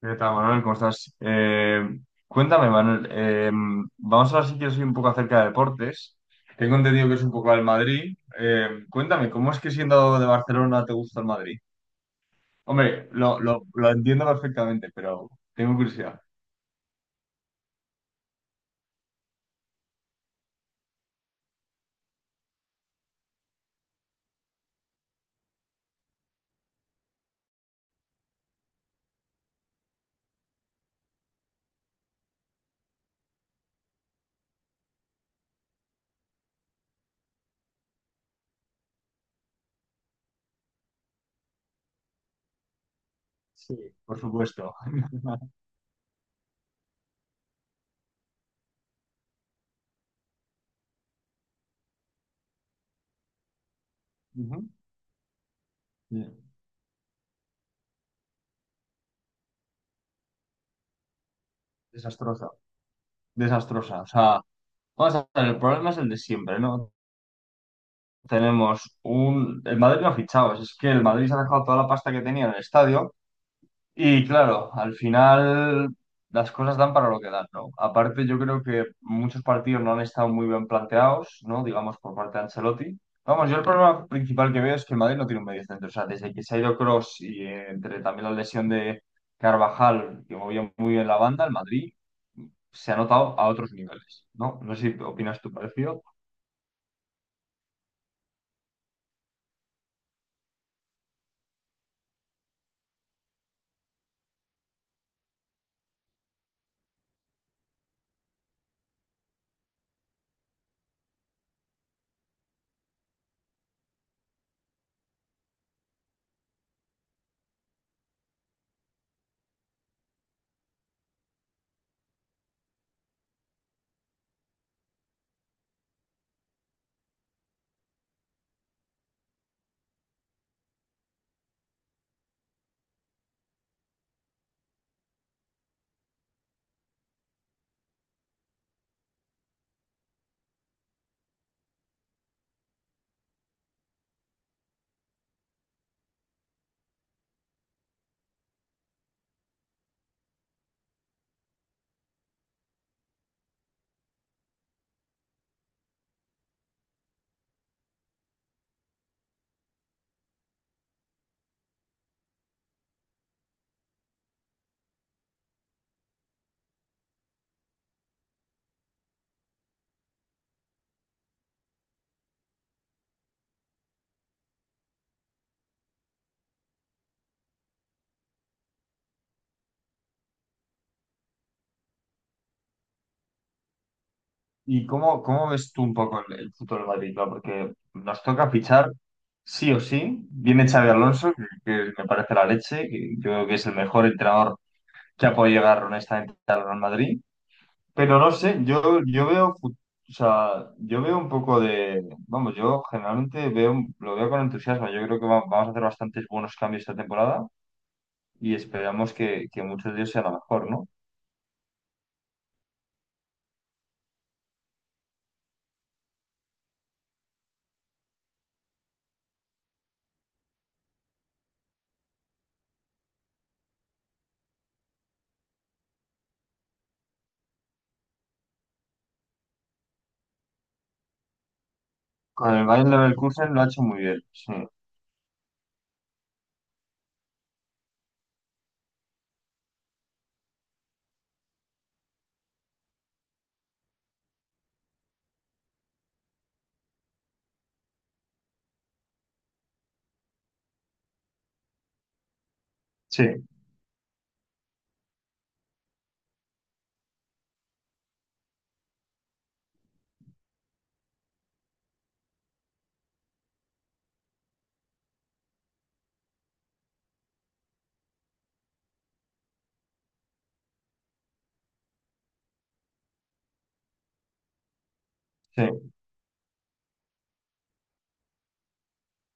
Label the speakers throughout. Speaker 1: ¿Qué tal, Manuel? ¿Cómo estás? Cuéntame, Manuel. Vamos a hablar si quieres hoy un poco acerca de deportes. Tengo entendido que es un poco al Madrid. Cuéntame, ¿cómo es que siendo de Barcelona te gusta el Madrid? Hombre, lo entiendo perfectamente, pero tengo curiosidad. Sí. Por supuesto. Ujú. Sí, desastrosa. Desastrosa. O sea, vamos a ver, el problema es el de siempre, ¿no? Tenemos un... El Madrid no ha fichado, es que el Madrid se ha dejado toda la pasta que tenía en el estadio. Y claro, al final las cosas dan para lo que dan, ¿no? Aparte, yo creo que muchos partidos no han estado muy bien planteados, ¿no? Digamos, por parte de Ancelotti. Vamos, yo el problema principal que veo es que el Madrid no tiene un medio centro. O sea, desde que se ha ido Kroos y entre también la lesión de Carvajal, que movía muy bien la banda, el Madrid se ha notado a otros niveles, ¿no? No sé si opinas tú parecido. ¿Y cómo ves tú un poco el futuro del Madrid, claro? Porque nos toca fichar sí o sí. Viene Xavi Alonso, que me parece la leche, que yo creo que es el mejor entrenador que ha podido llegar honestamente al Real Madrid. Pero no sé, yo veo, o sea, yo veo un poco de, vamos, yo generalmente veo, lo veo con entusiasmo. Yo creo que vamos a hacer bastantes buenos cambios esta temporada y esperamos que muchos de ellos sean a lo mejor, ¿no? Con el Bayern Leverkusen lo ha hecho muy bien, sí, sí, sí.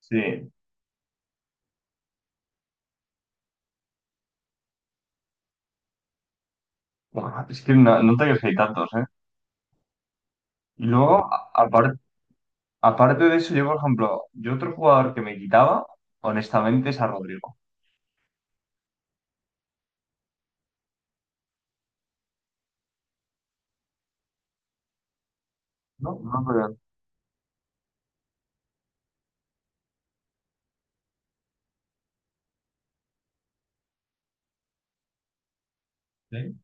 Speaker 1: Sí. Buah, es que no, no te crees que hay tantos, ¿eh? Y luego, aparte de eso, yo, por ejemplo, yo otro jugador que me quitaba, honestamente, es a Rodrigo. No, no, pero... ¿Sí?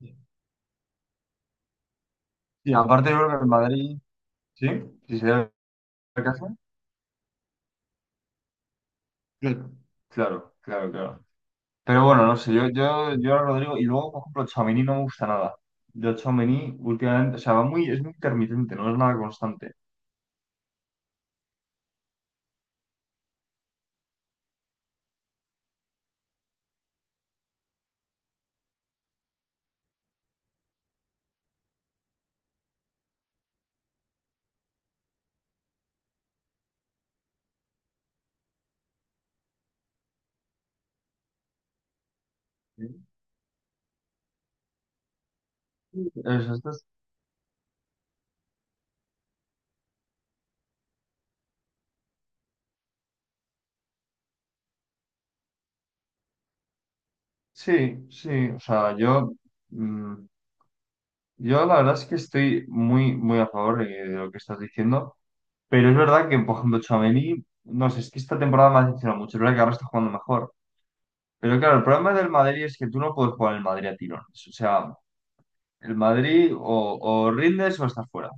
Speaker 1: Sí. Sí, aparte yo creo que el Madrid, sí, si se da el caso. Claro, claro, claro. Claro. Pero bueno, no sé, yo a Rodrigo, y luego, por ejemplo, Tchouaméni no me gusta nada. Yo Tchouaméni últimamente, o sea, va muy, es muy intermitente, no es nada constante. Sí. Es- esto es- sí, sí, o sea, yo... mm, yo la verdad es que estoy muy, muy a favor de lo que estás diciendo, pero es verdad que, por ejemplo, Tchouaméni, no sé, es que esta temporada me ha decepcionado mucho, es verdad que ahora está jugando mejor. Pero claro, el problema del Madrid es que tú no puedes jugar el Madrid a tirones. O sea, el Madrid o rindes o estás fuera.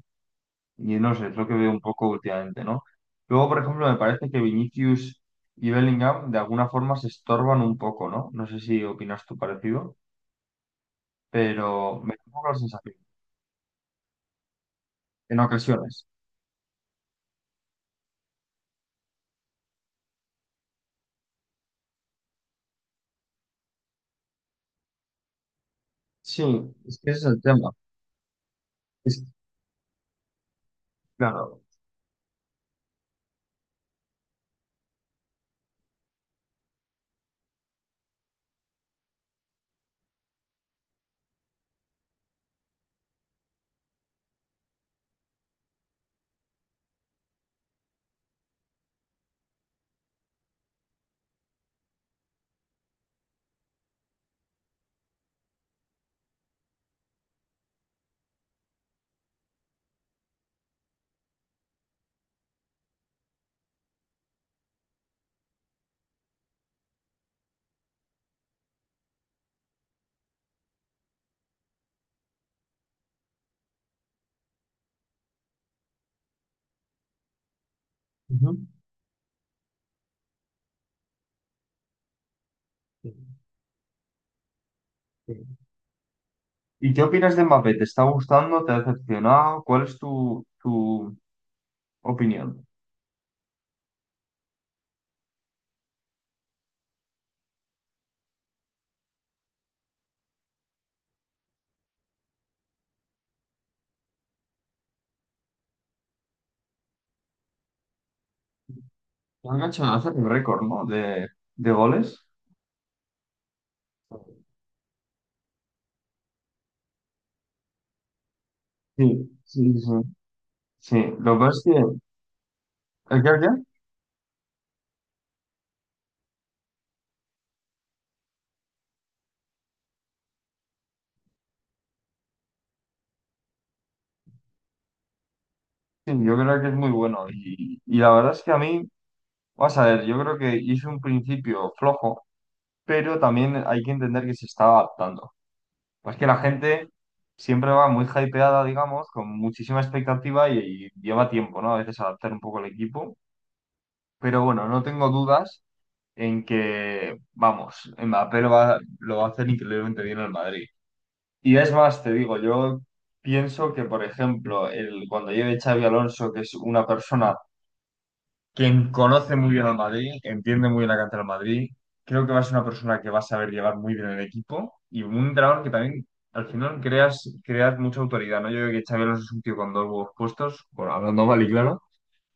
Speaker 1: Y no sé, es lo que veo un poco últimamente, ¿no? Luego, por ejemplo, me parece que Vinicius y Bellingham de alguna forma se estorban un poco, ¿no? No sé si opinas tú parecido, pero me da un poco la sensación, en ocasiones. Sí, es que ese es el tema. Es- claro. Ujú. Sí, sí. ¿Y qué opinas de Mbappé? ¿Te está gustando? ¿Te ha decepcionado? ¿Cuál es tu opinión? Han hecho hacer un récord, ¿no? De goles. Sí, sí, sí. Sí, lo que pasa es que, ¿el qué, el qué? Sí, yo creo que es muy bueno. Y la verdad es que a mí, vas a ver, yo creo que hizo un principio flojo, pero también hay que entender que se está adaptando. Pues que la gente siempre va muy hypeada, digamos, con muchísima expectativa y lleva tiempo, ¿no? A veces adaptar un poco el equipo. Pero bueno, no tengo dudas en que, vamos, Mbappé lo va a hacer increíblemente bien en el Madrid. Y es más, te digo, yo pienso que, por ejemplo, el, cuando lleve Xavi Alonso, que es una persona quien conoce muy bien al Madrid, entiende muy bien la cantera del Madrid, creo que va a ser una persona que va a saber llevar muy bien el equipo y un entrenador que también al final creas, creas mucha autoridad, ¿no? Yo creo que Xabi Alonso es un tío con dos huevos puestos, bueno, hablando mal y claro,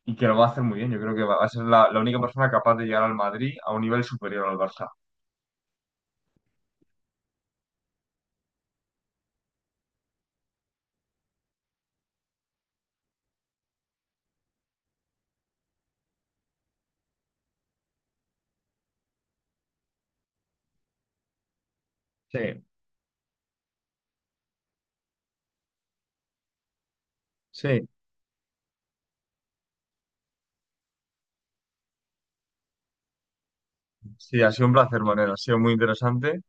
Speaker 1: y que lo va a hacer muy bien. Yo creo que va a ser la única persona capaz de llegar al Madrid a un nivel superior al Barça. Sí, sí. Sí, ha sido un placer, Manuel, ha sido muy interesante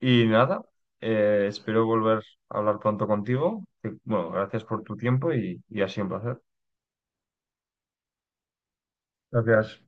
Speaker 1: y nada, espero volver a hablar pronto contigo. Bueno, gracias por tu tiempo y ha sido un placer. Gracias.